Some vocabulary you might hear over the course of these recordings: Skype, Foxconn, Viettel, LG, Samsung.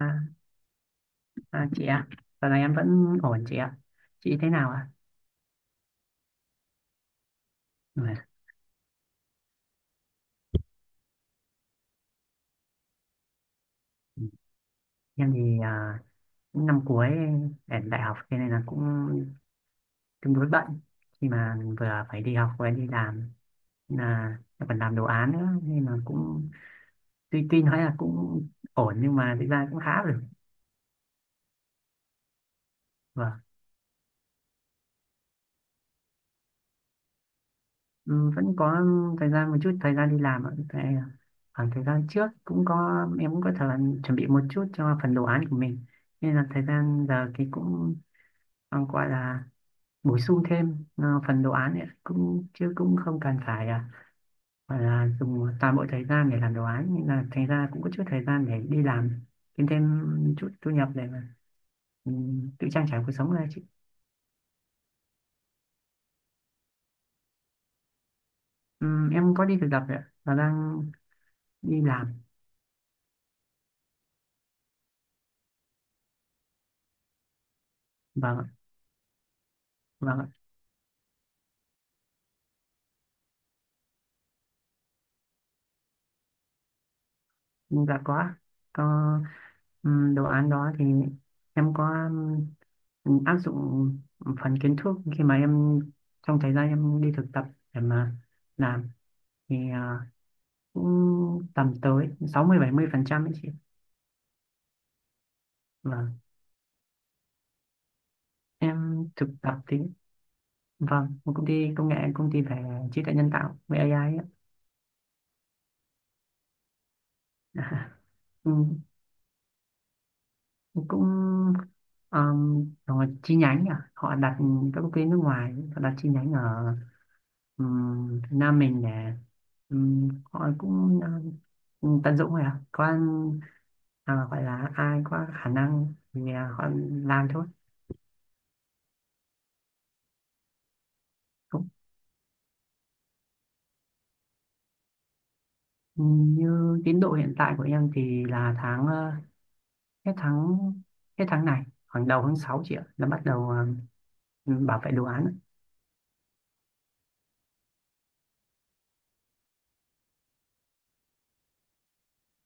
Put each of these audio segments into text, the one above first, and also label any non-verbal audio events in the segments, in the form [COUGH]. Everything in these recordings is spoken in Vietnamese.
À, chị ạ, giờ này em vẫn ổn chị ạ. Chị thế nào ạ? Ừ. Em thì cũng năm cuối để đại học, thế nên là cũng tương đối bận. Khi mà vừa phải đi học vừa đi làm nên là em còn làm đồ án nữa, nên là cũng tuy tuy nói là cũng ổn nhưng mà thực ra cũng khá rồi. Vâng. Ừ, vẫn có thời gian, một chút thời gian đi làm ạ. Tại khoảng thời gian trước cũng có, em cũng có thời gian chuẩn bị một chút cho phần đồ án của mình, nên là thời gian giờ thì cũng còn gọi là bổ sung thêm phần đồ án ấy, cũng chứ cũng không cần phải gọi là dùng toàn bộ thời gian để làm đồ án, nhưng là thành ra cũng có chút thời gian để đi làm kiếm thêm chút thu nhập để mà ừ, tự trang trải cuộc sống này chị. Em có đi thực tập rồi ạ, và đang đi làm. Vâng ạ. Vâng ạ. Dạ có ạ. Có, đồ án đó thì em có, áp dụng phần kiến thức khi mà em trong thời gian em đi thực tập để mà làm, thì cũng tầm tới 60-70% ấy chị. Vâng, em thực tập thì vâng, một công ty công nghệ, công ty về trí tuệ nhân tạo, về AI ấy. [LAUGHS] Ừ, cũng rồi chi nhánh họ đặt, các công ty nước ngoài họ đặt chi nhánh ở, Việt Nam mình để, họ cũng, tận dụng rồi có, gọi là ai có khả năng thì họ làm thôi. Ừ, như tiến độ hiện tại của em thì là tháng hết tháng, hết tháng này khoảng đầu tháng 6 chị ạ, là bắt đầu bảo vệ đồ án.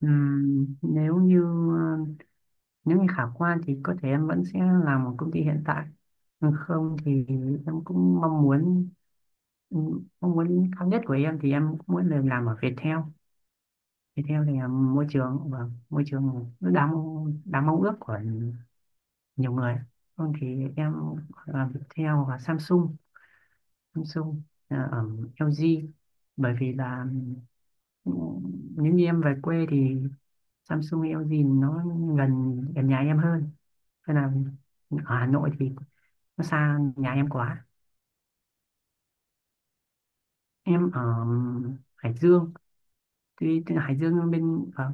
Nếu như ờ, nếu như khả quan thì có thể em vẫn sẽ làm ở công ty hiện tại. Còn không thì em cũng mong muốn, mong muốn cao nhất của em thì em cũng muốn được làm ở Viettel. Viettel thì là môi trường, và môi trường rất đáng, đáng mong ước của nhiều người. Không thì em gọi là Viettel và Samsung Samsung, ở LG. Bởi vì là ừ, nếu như em về quê thì Samsung LG nó gần gần nhà em hơn, nên là ở Hà Nội thì nó xa nhà em quá. Em ở Hải Dương. Tuy tuy Hải Dương bên, vâng,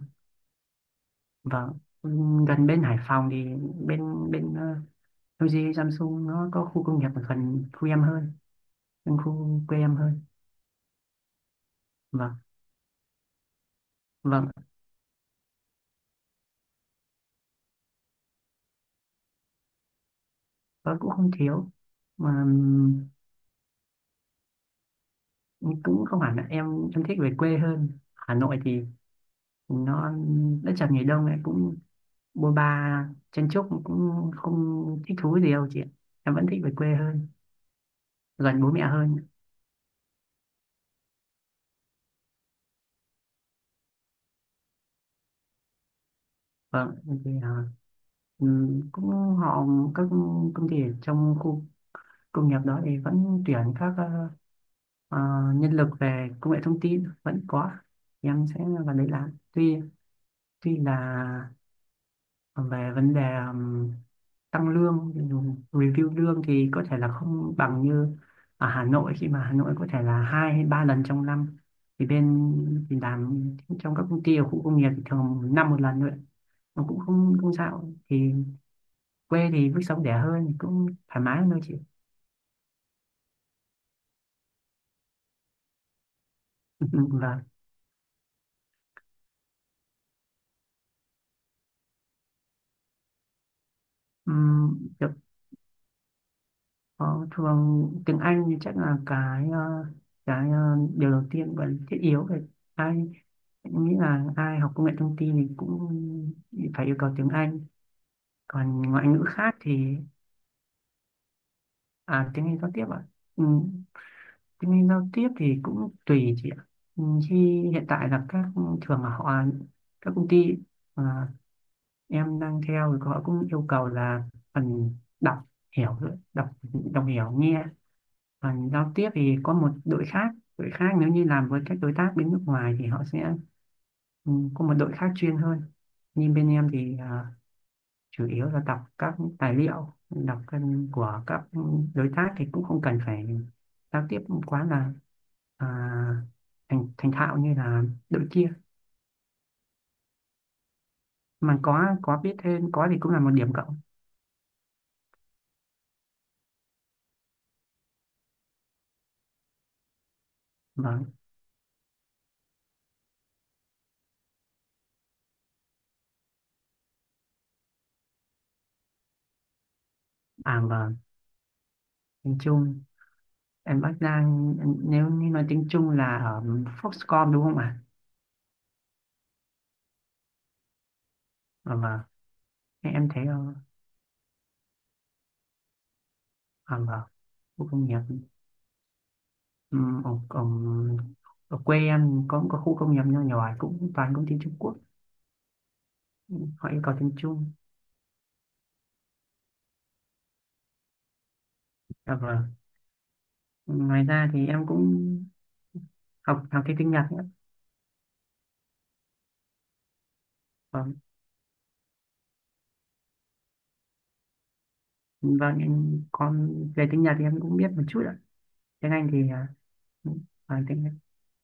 vâng, ừ, gần bên Hải Phòng, thì bên bên ờ, LG Samsung nó có khu công nghiệp ở gần khu em hơn, gần khu quê em hơn. Vâng. Vâng. Nó cũng không thiếu mà. Cũng không hẳn ạ. Em thích về quê hơn. Hà Nội thì nó đất chật người đông, lại cũng bôn ba chen chúc, cũng không thích thú gì đâu chị ạ. Em vẫn thích về quê hơn, gần bố mẹ hơn. Vâng, thì cũng họ, các công ty ở trong khu công nghiệp đó thì vẫn tuyển các ờ, nhân lực về công nghệ thông tin vẫn có. Em sẽ vào đấy làm, tuy tuy là về vấn đề, um, tăng lương review lương, thì có thể là không bằng như ở Hà Nội. Khi mà Hà Nội có thể là hai hay ba lần trong năm, thì bên thì làm trong các công ty ở khu công nghiệp thì thường năm một lần thôi. Nó cũng không không sao, thì quê thì mức sống rẻ hơn, cũng thoải mái hơn thôi chị. [LAUGHS] Vâng. Ừm, Ờ, thường tiếng Anh thì chắc là cái ờ, điều đầu tiên và thiết yếu về, ai nghĩ là ai học công nghệ thông tin thì cũng phải yêu cầu tiếng Anh. Còn ngoại ngữ khác thì, à, tiếng Anh giao tiếp ạ. Ừ, tiếng Anh giao tiếp thì cũng tùy chị ạ. Ừ, khi hiện tại là các, thường là họ, các công ty à, em đang theo thì họ cũng yêu cầu là phần đọc hiểu, đọc đọc hiểu nghe. Phần giao tiếp thì có một đội khác, đội khác, nếu như làm với các đối tác bên nước ngoài thì họ sẽ, ừ, có một đội khác chuyên hơn. Nhưng bên em thì chủ yếu là đọc các tài liệu, đọc các- của các đối tác, thì cũng không cần phải giao tiếp quá là à, thành thành thạo như là đội kia, mà có biết thêm có thì cũng là một điểm cộng. Vâng. À vâng, tiếng Trung. Em đang, nếu như nói tiếng Trung là ở Foxconn đúng không ạ? À? Mà em thấy ở, ở ở khu công nghiệp, ừm, ở, ở, ở quê em có một cái khu công nghiệp nhỏ nhỏ cũng toàn công ty Trung Quốc, họ yêu cầu tiếng Trung. À, vâng. Ngoài ra thì em cũng học học thêm tiếng Nhật nữa. Vâng. Vâng, em còn về tiếng Nhật thì em cũng biết một chút ạ. Tiếng Anh thì còn tiếng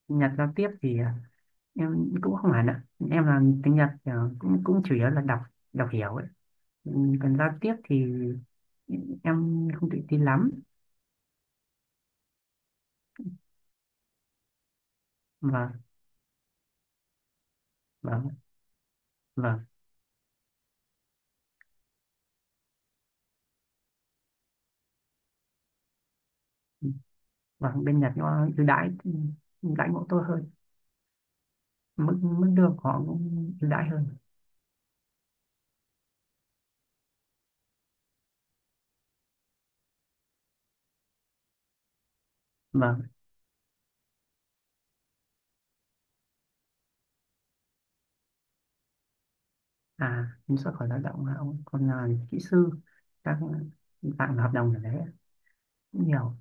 Nhật giao tiếp thì em cũng không hẳn ạ. Em là tiếng Nhật kiểu, cũng cũng chủ yếu là đọc, đọc hiểu ấy. Ừ, còn giao tiếp thì em không tự tin lắm. và và và và bên Nhật nó ưu đãi, ưu đãi ngộ tôi hơn, mức mức lương của họ cũng ưu đãi hơn. Và, à, em xuất khẩu lao động là ông, còn là kỹ sư, các bạn hợp đồng ở đấy cũng nhiều.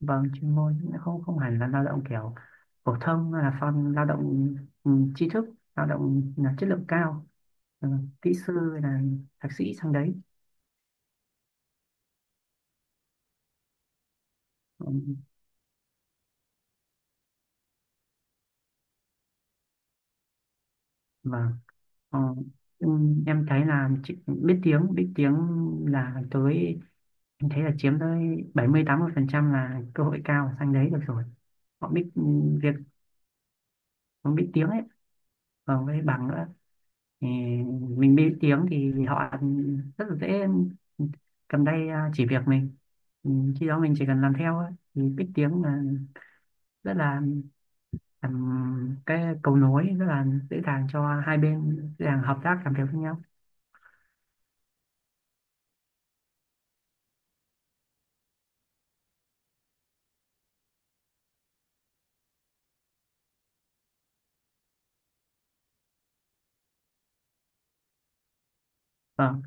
Vâng, chuyên môn, nó không không hẳn là lao động kiểu phổ thông, mà là phong lao động, ừ, tri thức, lao động là chất lượng cao, ừ, kỹ sư hay là thạc sĩ sang đấy. Ừ. Vâng. ờ, ừ, em thấy là biết tiếng, biết tiếng là tới em thấy là chiếm tới 70-80% là cơ hội cao sang đấy được rồi, họ biết, ừ, việc, họ biết tiếng ấy. Còn với bằng nữa thì, mình biết tiếng thì họ rất là dễ, cầm tay chỉ việc mình, ừ, khi đó mình chỉ cần làm theo ấy, thì biết tiếng là rất là làm cái cầu nối rất là dễ dàng cho hai bên, dễ dàng hợp tác làm việc với nhau. Vâng.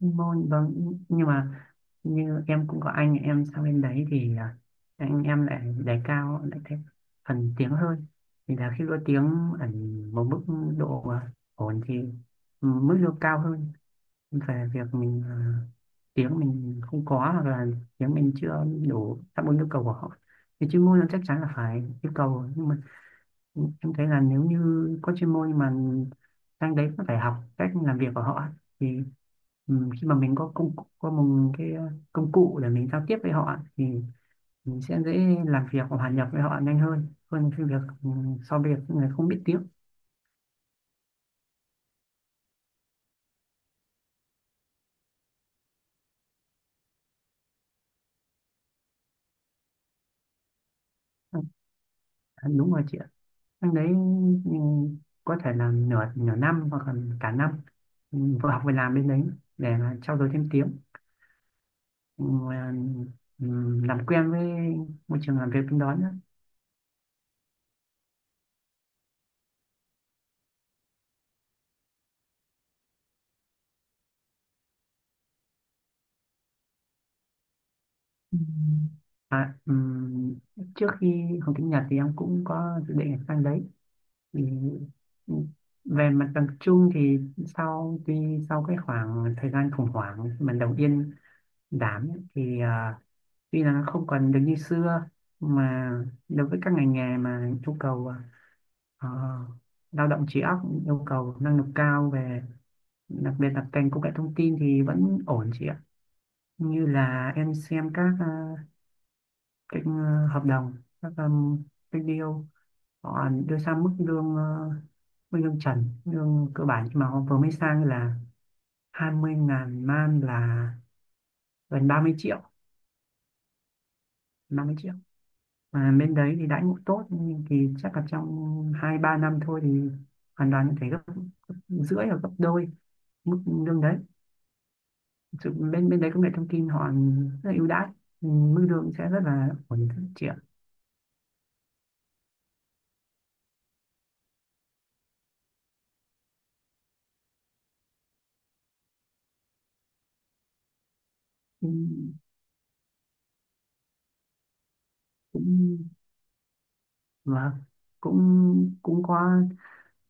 Vâng. Vâng, nhưng mà như em cũng có anh em sang bên đấy, thì à, anh em lại đề cao, lại thêm phần tiếng hơn. Thì là khi có tiếng ở một mức độ ổn thì, ừ, mức lương cao hơn. Về việc mình tiếng mình không có, hoặc là tiếng mình chưa đủ đáp ứng yêu cầu của họ, thì chuyên môn là chắc chắn là phải yêu cầu. Nhưng mà em thấy là nếu như có chuyên môn nhưng mà sang đấy cũng phải học cách làm việc của họ, thì khi mà mình có có một cái công cụ để mình giao tiếp với họ, thì mình sẽ dễ làm việc và hòa nhập với họ nhanh hơn, hơn cái việc, so với việc người không biết tiếng. Ừ, đúng rồi chị ạ. Năm đấy, ừ, có thể là nửa nửa năm hoặc là cả năm, ừ, vừa học vừa làm bên đấy để mà trau dồi thêm tiếng, ừ, ừ, làm quen với môi trường làm việc bên đó nữa. Ừ. à, ừ, Trước khi học tiếng Nhật thì em cũng có dự định sang đấy, thì, ừ, về mặt bằng chung thì sau tuy sau cái khoảng thời gian khủng hoảng mà đầu tiên đảm ấy, thì tuy là nó không còn được như xưa, mà đối với các ngành nghề mà yêu cầu ờ, lao động trí óc, yêu cầu năng lực cao về, đặc biệt là ngành công nghệ thông tin thì vẫn ổn chị ạ. Như là em xem các ờ, cái ờ, hợp đồng, các cái deal họ đưa ra, mức lương mức lương trần, lương cơ bản mà họ vừa mới sang là 20,000 man, là gần 30 triệu, 30 triệu. Mà bên đấy thì đãi ngộ tốt, nhưng thì chắc là trong hai ba năm thôi thì hoàn toàn có thể gấp, gấp rưỡi hoặc gấp đôi mức lương đấy. Bên bên đấy công nghệ thông tin họ rất là ưu đãi. Ừ, mức lương sẽ rất là ổn định, phát triển. Ừ, cũng, và cũng, cũng có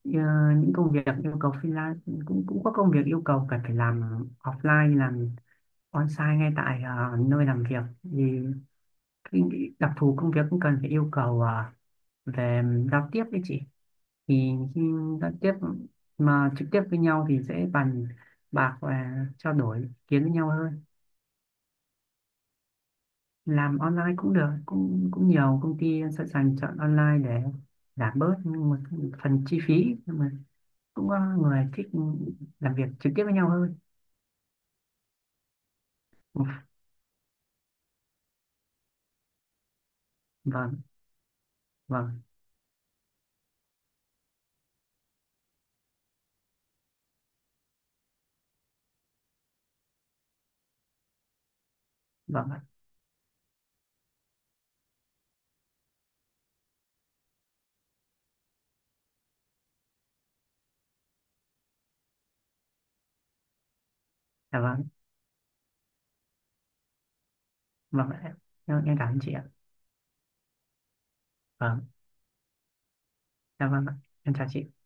ờ, những công việc yêu cầu freelance, cũng cũng có công việc yêu cầu cần phải làm offline, làm on-site ngay tại nơi làm việc, vì cái đặc thù công việc cũng cần phải yêu cầu về giao tiếp với chị. Thì giao tiếp mà trực tiếp với nhau thì dễ bàn bạc và trao đổi ý kiến với nhau hơn. Làm online cũng được, cũng cũng nhiều công ty sẵn sàng chọn online để giảm bớt một phần chi phí, nhưng mà cũng có người thích làm việc trực tiếp với nhau hơn. Vâng. Vâng. Vâng ạ. Dạ vâng. Vâng ạ. Em cảm ơn chị ạ. Vâng. Dạ vâng ạ. Em chào chị.